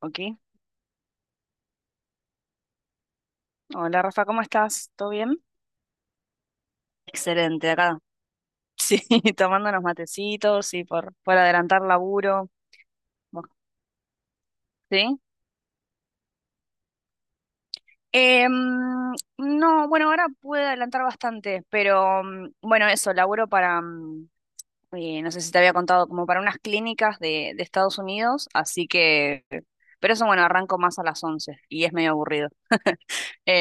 Ok. Hola Rafa, ¿cómo estás? ¿Todo bien? Excelente, acá. Sí, tomando unos matecitos y por adelantar laburo. ¿Vos- ¿Sí? Em, no, bueno, ahora pude adelantar bastante, pero bueno, eso, laburo para, no sé si te había contado, como para unas clínicas de Estados Unidos, así que, pero eso bueno, arranco más a las 11 y es medio aburrido.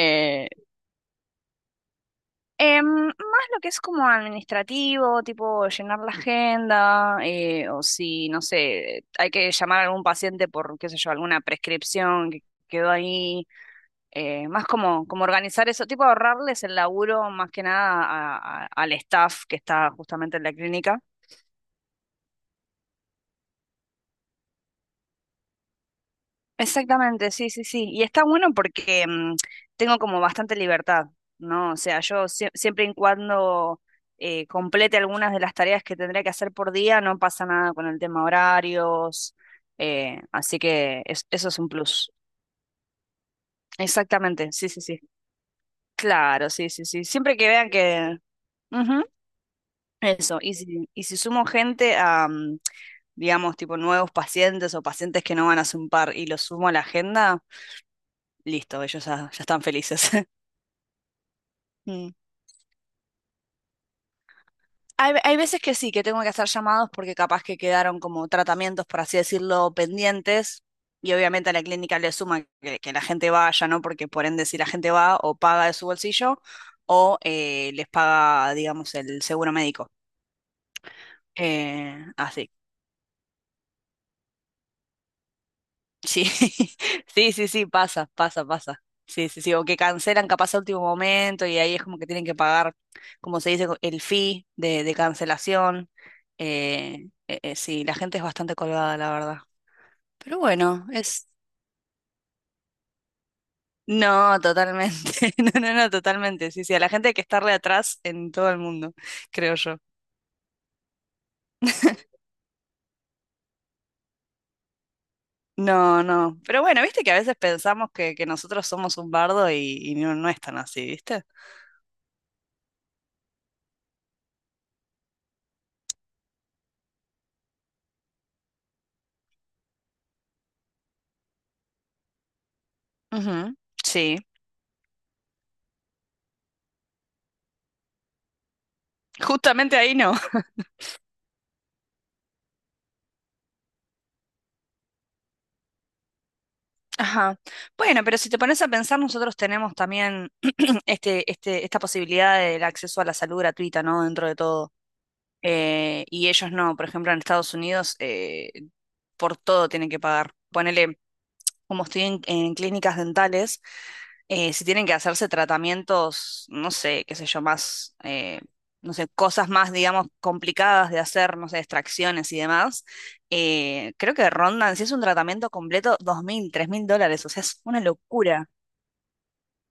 Más lo que es como administrativo, tipo llenar la agenda, o si, no sé, hay que llamar a algún paciente por, qué sé yo, alguna prescripción que quedó ahí, más como organizar eso, tipo ahorrarles el laburo más que nada al staff que está justamente en la clínica. Exactamente, sí, sí, sí. Y está bueno porque tengo como bastante libertad, ¿no? O sea, yo siempre y cuando complete algunas de las tareas que tendría que hacer por día, no pasa nada con el tema horarios, así que eso es un plus. Exactamente, sí, sí, sí. Claro, sí, sí, sí. Siempre que vean que. Ujú, eso, y si sumo gente a, digamos, tipo nuevos pacientes o pacientes que no van a par y los sumo a la agenda, listo, ellos ya están felices. Mm. Hay veces que sí, que tengo que hacer llamados porque capaz que quedaron como tratamientos, por así decirlo, pendientes. Y obviamente a la clínica le suma que la gente vaya, ¿no? Porque por ende, si la gente va o paga de su bolsillo o les paga, digamos, el seguro médico. Así. Sí, sí, sí, sí, pasa, pasa, pasa. Sí, sí, sí, o que cancelan capaz a último momento y ahí es como que tienen que pagar, como se dice, el fee de cancelación. Sí, la gente es bastante colgada, la verdad. Pero bueno, es. No, totalmente. No, no, no, totalmente. Sí, sí, a la gente hay que estarle atrás en todo el mundo, creo yo. No, no. Pero bueno, viste que a veces pensamos que nosotros somos un bardo y no, no es tan así, ¿viste? Ujú, sí, justamente ahí no. Ajá. Bueno, pero si te pones a pensar, nosotros tenemos también esta posibilidad del acceso a la salud gratuita, ¿no? Dentro de todo. Y ellos no, por ejemplo, en Estados Unidos, por todo tienen que pagar. Ponele, como estoy en clínicas dentales, si tienen que hacerse tratamientos, no sé, qué sé yo, más, no sé, cosas más, digamos, complicadas de hacer, no sé, extracciones y demás, creo que rondan, si es un tratamiento completo, 2.000, 3.000 dólares, o sea, es una locura.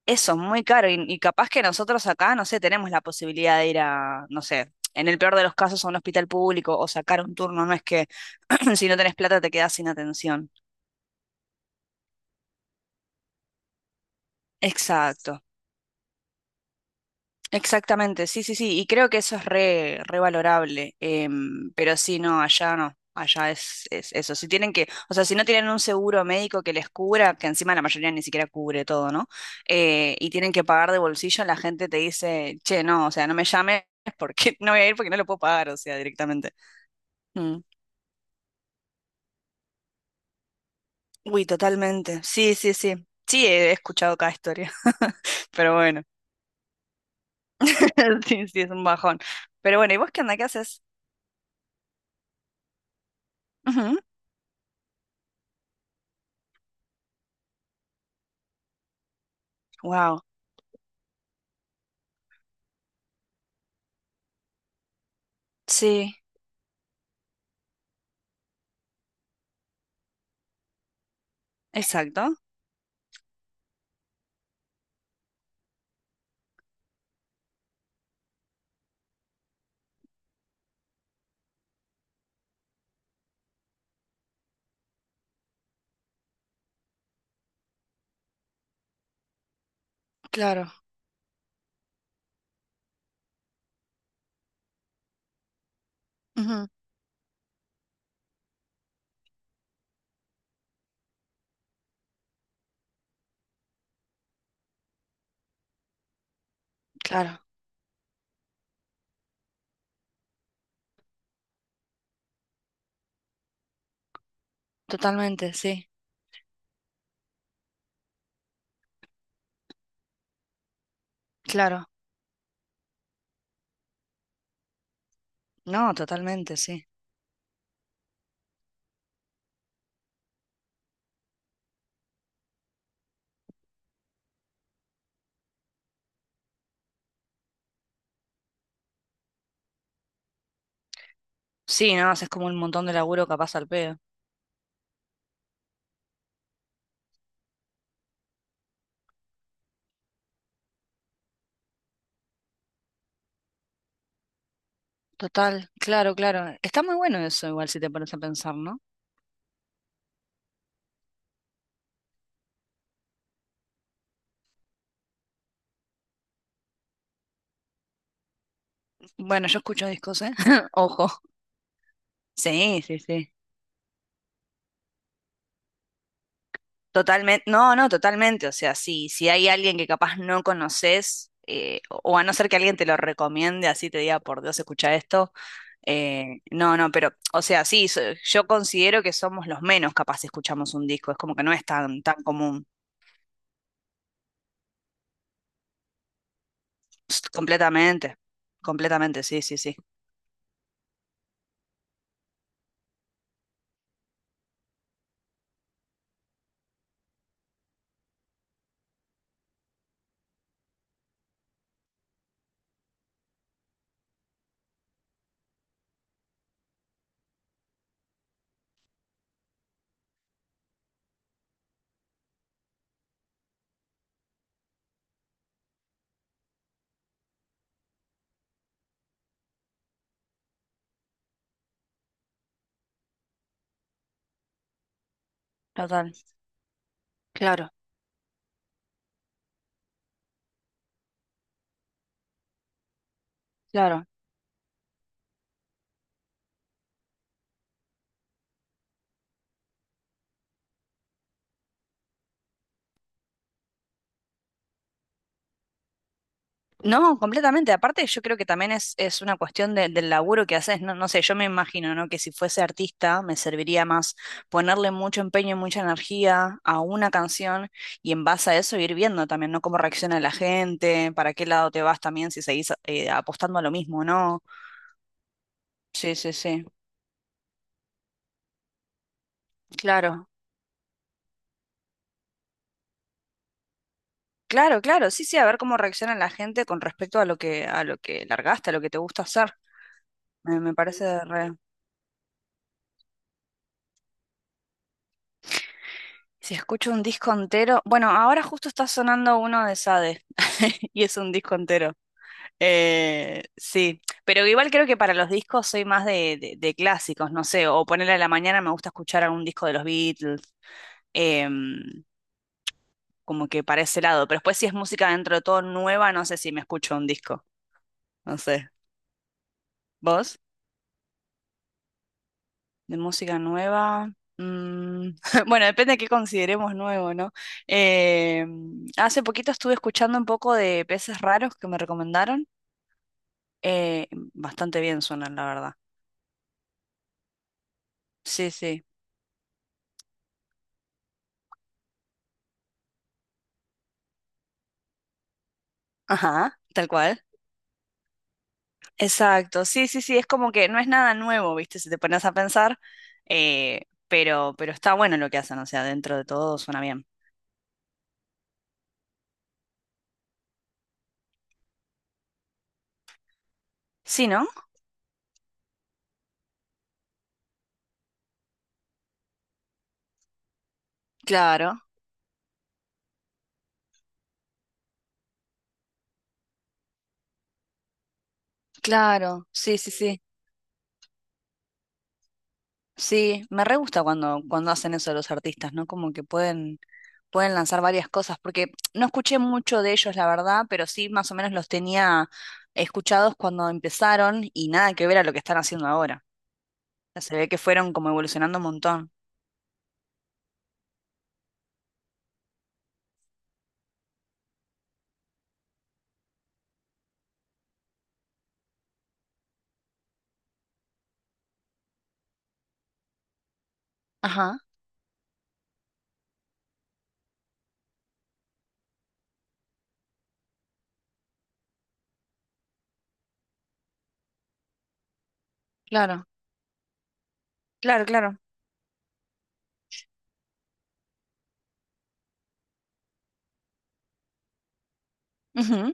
Eso, muy caro. Y capaz que nosotros acá, no sé, tenemos la posibilidad de ir a, no sé, en el peor de los casos a un hospital público o sacar un turno. No es que si no tenés plata te quedás sin atención. Exacto. Exactamente, sí, sí, sí, y creo que eso es re valorable, pero sí, no, allá no, allá es eso, si tienen que, o sea, si no tienen un seguro médico que les cubra, que encima la mayoría ni siquiera cubre todo, ¿no? Y tienen que pagar de bolsillo, la gente te dice, che, no, o sea, no me llames porque no voy a ir porque no lo puedo pagar, o sea, directamente. Mm. Uy, totalmente, sí, sí, sí, sí, he escuchado cada historia, pero bueno, sí, sí, es un bajón, pero bueno, ¿y vos qué onda, qué haces? Wow, sí. Exacto, claro, ujú, claro, totalmente, sí, claro, no, totalmente, sí. Sí, no, haces como un montón de laburo capaz al pedo. Total, claro, claro. Está muy bueno eso igual si te pones a pensar, ¿no? Bueno, yo escucho discos, ¿eh? Ojo. Sí, sí, sí. Totalmente, no, no, totalmente. O sea, sí, si hay alguien que capaz no conoces, o a no ser que alguien te lo recomiende, así te diga, por Dios, escucha esto. No, no, pero, o sea, sí, yo considero que somos los menos capaz si escuchamos un disco, es como que no es tan, tan común. Pst, completamente, completamente, sí, sí, sí. Total, claro, claro. No, completamente. Aparte, yo creo que también es una cuestión del laburo que haces. No, no sé, yo me imagino, ¿no? Que si fuese artista, me serviría más ponerle mucho empeño y mucha energía a una canción y en base a eso ir viendo también, ¿no? Cómo reacciona la gente, para qué lado te vas también si seguís apostando a lo mismo, ¿no? Sí, sí, sí, claro, claro, claro, sí, sí, a ver cómo reacciona la gente con respecto a lo que, largaste, a lo que te gusta hacer. Me parece re. Si escucho un disco entero, bueno, ahora justo está sonando uno de Sade y es un disco entero. Sí, pero igual creo que para los discos soy más de clásicos, no sé, o ponerle a la mañana me gusta escuchar algún disco de los Beatles, em, como que para ese lado, pero después si es música dentro de todo nueva, no sé si me escucho un disco, no sé. ¿Vos? De música nueva. mm, bueno, depende de qué consideremos nuevo, ¿no? Eh, Hace poquito estuve escuchando un poco de Peces Raros que me recomendaron. eh, Bastante bien suenan, la verdad. Sí, sí. Ajá, tal cual. Exacto, sí, sí, sí, es como que no es nada nuevo, ¿viste? Si te pones a pensar, pero está bueno lo que hacen, o sea, dentro de todo suena bien. Sí, ¿no? Claro, claro, sí, sí, sí. Sí, me re gusta cuando hacen eso los artistas, ¿no? Como que pueden lanzar varias cosas, porque no escuché mucho de ellos, la verdad, pero sí más o menos los tenía escuchados cuando empezaron y nada que ver a lo que están haciendo ahora. O sea, se ve que fueron como evolucionando un montón. Ajá, claro, claro, claro. Ujú.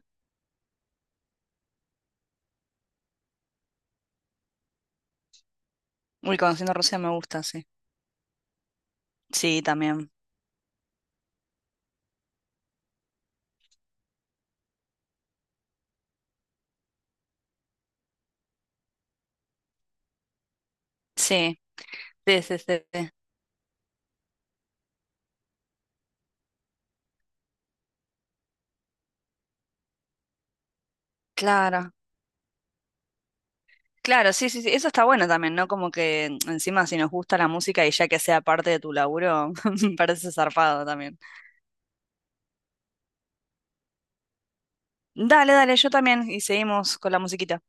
Uy, conociendo a Rusia me gusta, sí. Sí, también. Sí, sí, sí, sí. Sí. Claro. Claro, sí, sí, sí, eso está bueno también, ¿no? Como que encima si nos gusta la música y ya que sea parte de tu laburo, me parece zarpado también. Dale, dale, yo también y seguimos con la musiquita.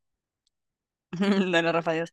Dona Rafa